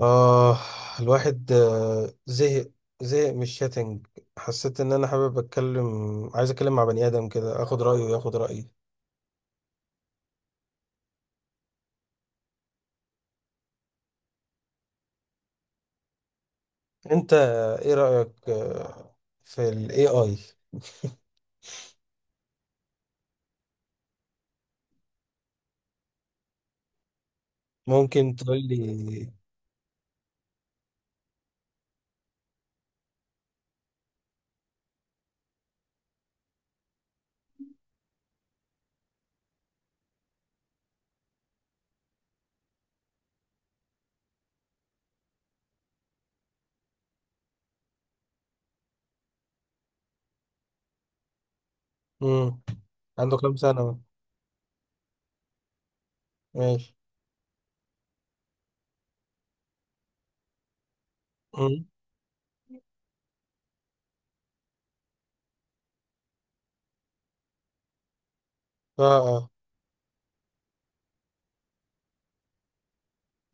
آه الواحد زهق من الشاتنج. حسيت ان انا حابب اتكلم. عايز اتكلم مع بني ادم كده اخد رايه وياخد رايي. انت، ايه رايك في الاي اي؟ ممكن تقول لي. امم عنده كام سنه؟ ماشي. امم. اه، اه.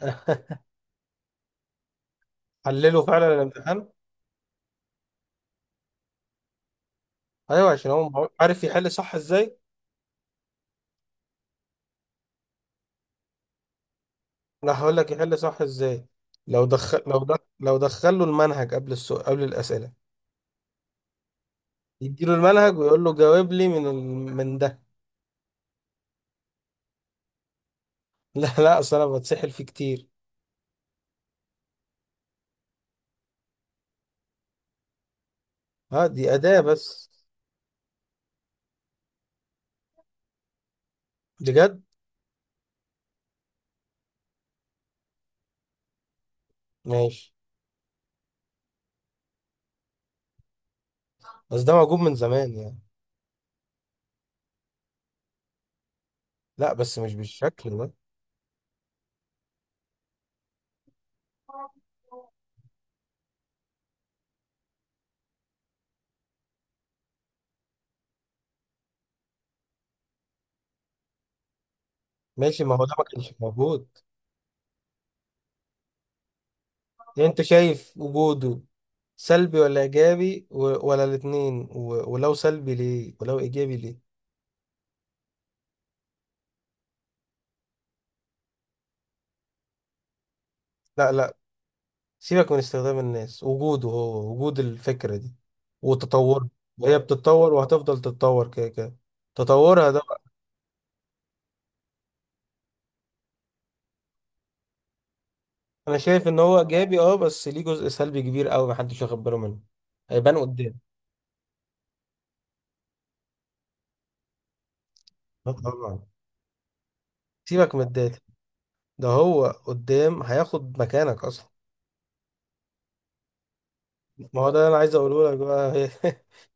حلله فعلا الامتحان. ايوه، عشان هو عارف يحل صح ازاي. انا هقول لك يحل صح ازاي. لو دخل له المنهج قبل السؤال قبل الاسئله. يديله المنهج ويقول له جاوب لي من ده. لا، لا، اصل انا بتسحل فيه كتير. اه، دي اداة بس. بجد؟ ماشي، بس ده موجود من زمان يعني. لا، بس مش بالشكل ده. ماشي، ما هو ده ما كانش موجود. يعني انت شايف وجوده سلبي ولا ايجابي ولا الاتنين ولو سلبي ليه ولو ايجابي ليه؟ لا، لا. سيبك من استخدام الناس، وجوده هو وجود الفكرة دي وتطوره. وهي بتتطور وهتفضل تتطور كده كده. تطورها ده. انا شايف ان هو ايجابي، اه، بس ليه جزء سلبي كبير قوي محدش واخد باله منه. هيبان قدام. آه، طبعا. سيبك من الداتا. ده هو قدام هياخد مكانك اصلا. ما هو ده اللي انا عايز اقوله لك بقى.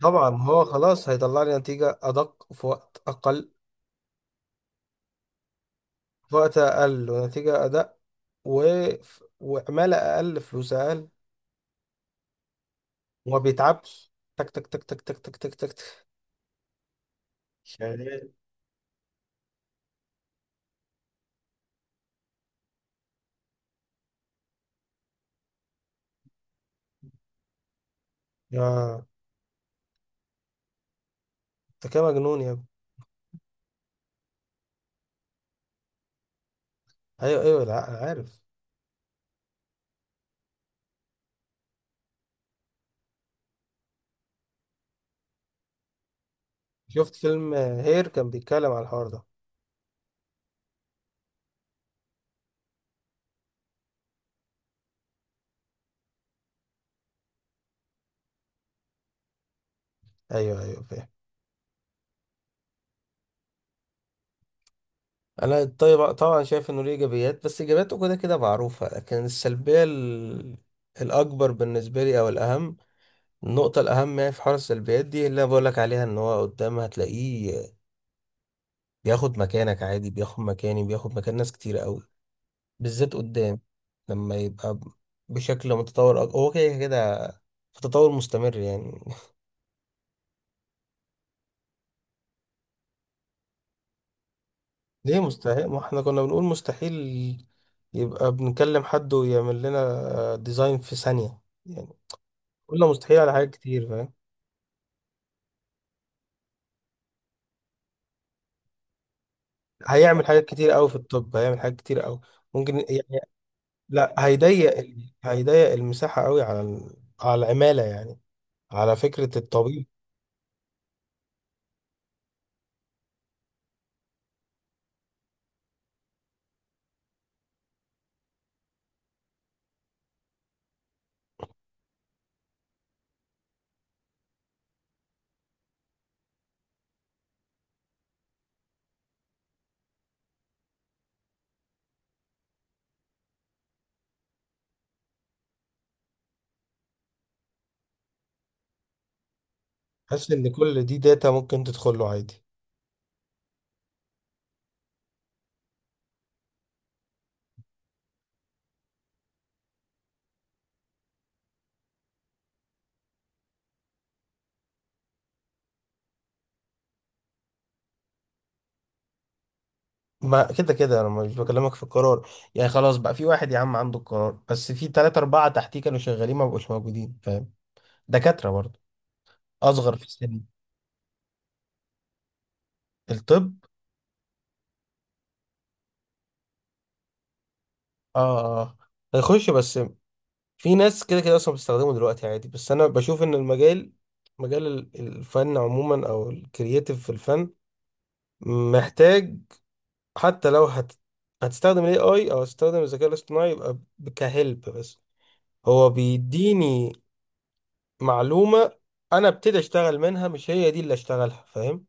طبعا، ما هو خلاص هيطلع لي نتيجة ادق في وقت اقل. في وقت اقل ونتيجة ادق و... وعمالة اقل فلوس اقل. وما بيتعبش تك تك تك تك تك تك تك تك تك. شغال. اه. انت كده مجنون يا ابني. ايوه، ايوه، لا، انا عارف. شفت فيلم هير، كان بيتكلم على الحوار ده. ايوه، ايوه، فاهم. انا طيب، طبعا شايف انه ليه ايجابيات بس ايجابياته كده كده معروفه، لكن السلبيه الاكبر بالنسبه لي، او الاهم، النقطه الاهم يعني، في حوار السلبيات دي اللي انا بقول لك عليها، ان هو قدام هتلاقيه بياخد مكانك عادي، بياخد مكاني، بياخد مكان ناس كتير قوي، بالذات قدام. لما يبقى بشكل متطور هو كده كده في تطور مستمر يعني. ليه مستحيل؟ ما احنا كنا بنقول مستحيل يبقى بنكلم حد ويعمل لنا ديزاين في ثانيه يعني. قلنا مستحيل على حاجات كتير، فاهم؟ هيعمل حاجات كتير قوي في الطب، هيعمل حاجات كتير قوي ممكن يعني. لا، هيضيق هيضيق المساحة قوي على على العمالة يعني. على فكرة الطبيب. حاسس ان كل دي داتا ممكن تدخل له عادي. ما كده كده انا مش بكلمك في القرار. يعني خلاص بقى، في واحد يا عم عنده القرار، بس في ثلاثة أربعة تحتيه كانوا شغالين ما بقوش موجودين، فاهم؟ دكاترة برضه، أصغر في السن. الطب. اه، آه، آه. هيخش بس في ناس كده كده اصلا بتستخدمه دلوقتي عادي، بس انا بشوف ان المجال مجال الفن عموما او الكرييتيف في الفن. محتاج. حتى لو هتستخدم الاي اي او هتستخدم الذكاء الاصطناعي يبقى كهلب بس. هو بيديني معلومة. انا ابتدي اشتغل منها، مش هي دي اللي اشتغلها، فاهم؟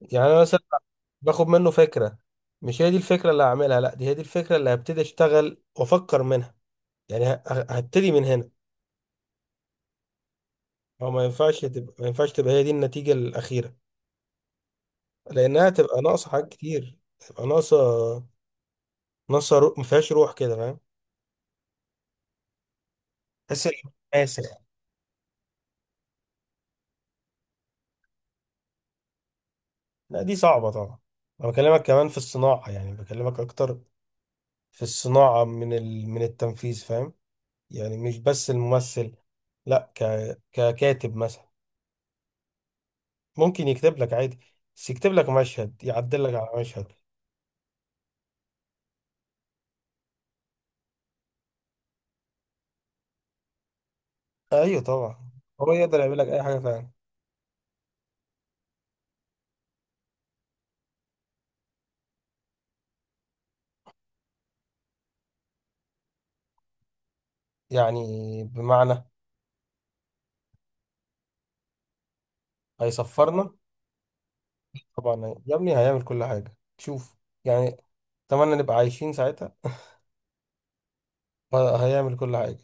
يعني انا مثلا باخد منه فكرة. مش هي دي الفكرة اللي هعملها، لا، دي هي دي الفكرة اللي هبتدي اشتغل وافكر منها. يعني هبتدي من هنا. هو ما ينفعش تبقى هي دي النتيجة الأخيرة. لأنها تبقى ناقصة حاجات كتير، تبقى ناقصة. ناقصة روح، ما فيهاش روح كده، فاهم؟ تحس إن قاسي يعني. لا، دي صعبة طبعا. أنا بكلمك كمان في الصناعة، يعني بكلمك أكتر في الصناعة، من التنفيذ، فاهم؟ يعني مش بس الممثل، لا، ككاتب مثلا. ممكن يكتب لك عادي. بس يكتب لك مشهد، يعدل لك على مشهد. أيوه، طبعا. هو يقدر يعمل لك أي حاجة فعلا. يعني، بمعنى. هيصفرنا؟ طبعا يا ابني، هيعمل كل حاجة، شوف يعني. اتمنى نبقى عايشين ساعتها. هيعمل كل حاجة.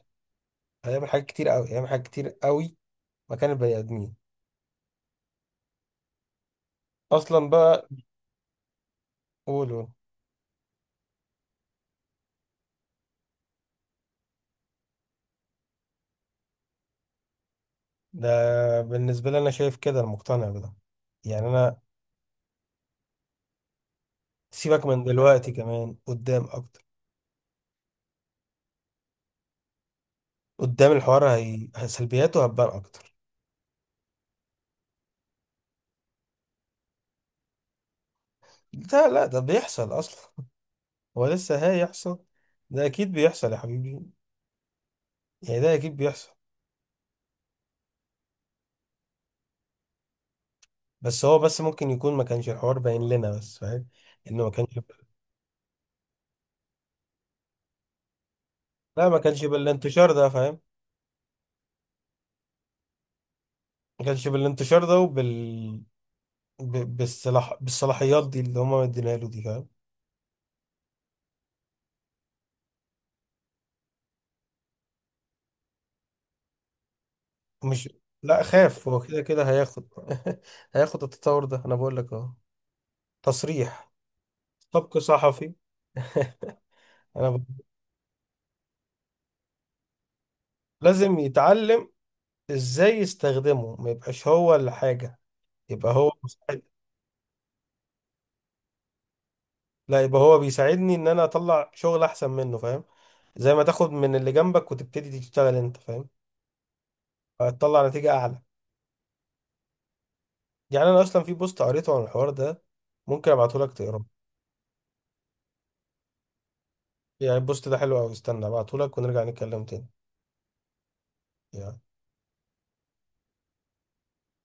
هيعمل حاجات كتير قوي، هيعمل حاجات كتير قوي. مكان البني آدمين أصلا بقى. قولوا. ده بالنسبة لي، أنا شايف كده، أنا مقتنع بده. يعني أنا، سيبك من دلوقتي، كمان قدام أكتر. قدام الحوار سلبياته هتبان أكتر. ده، لا، ده بيحصل أصلا. هو لسه هيحصل. ده أكيد بيحصل يا حبيبي. يعني ده أكيد بيحصل. بس هو بس ممكن يكون ما كانش الحوار باين لنا بس، فاهم؟ انه ما كانش. لا، ما كانش بالانتشار ده، فاهم؟ ما كانش بالانتشار ده وبال بالصلاح بالصلاحيات دي اللي هما مدينها له دي، فاهم؟ مش. لا، خاف، هو كده كده هياخد. هياخد التطور ده، انا بقول لك اهو. تصريح. سبق صحفي. انا ب... لازم يتعلم ازاي يستخدمه، ما يبقاش هو الحاجة. يبقى هو مساعد. لا، يبقى هو بيساعدني ان انا اطلع شغل احسن منه، فاهم؟ زي ما تاخد من اللي جنبك وتبتدي تشتغل انت، فاهم؟ هتطلع نتيجة اعلى. يعني انا اصلا في بوست قريته عن الحوار ده. ممكن ابعته لك تقراه. يعني البوست ده حلو قوي، استنى ابعته لك ونرجع نتكلم تاني. يلا.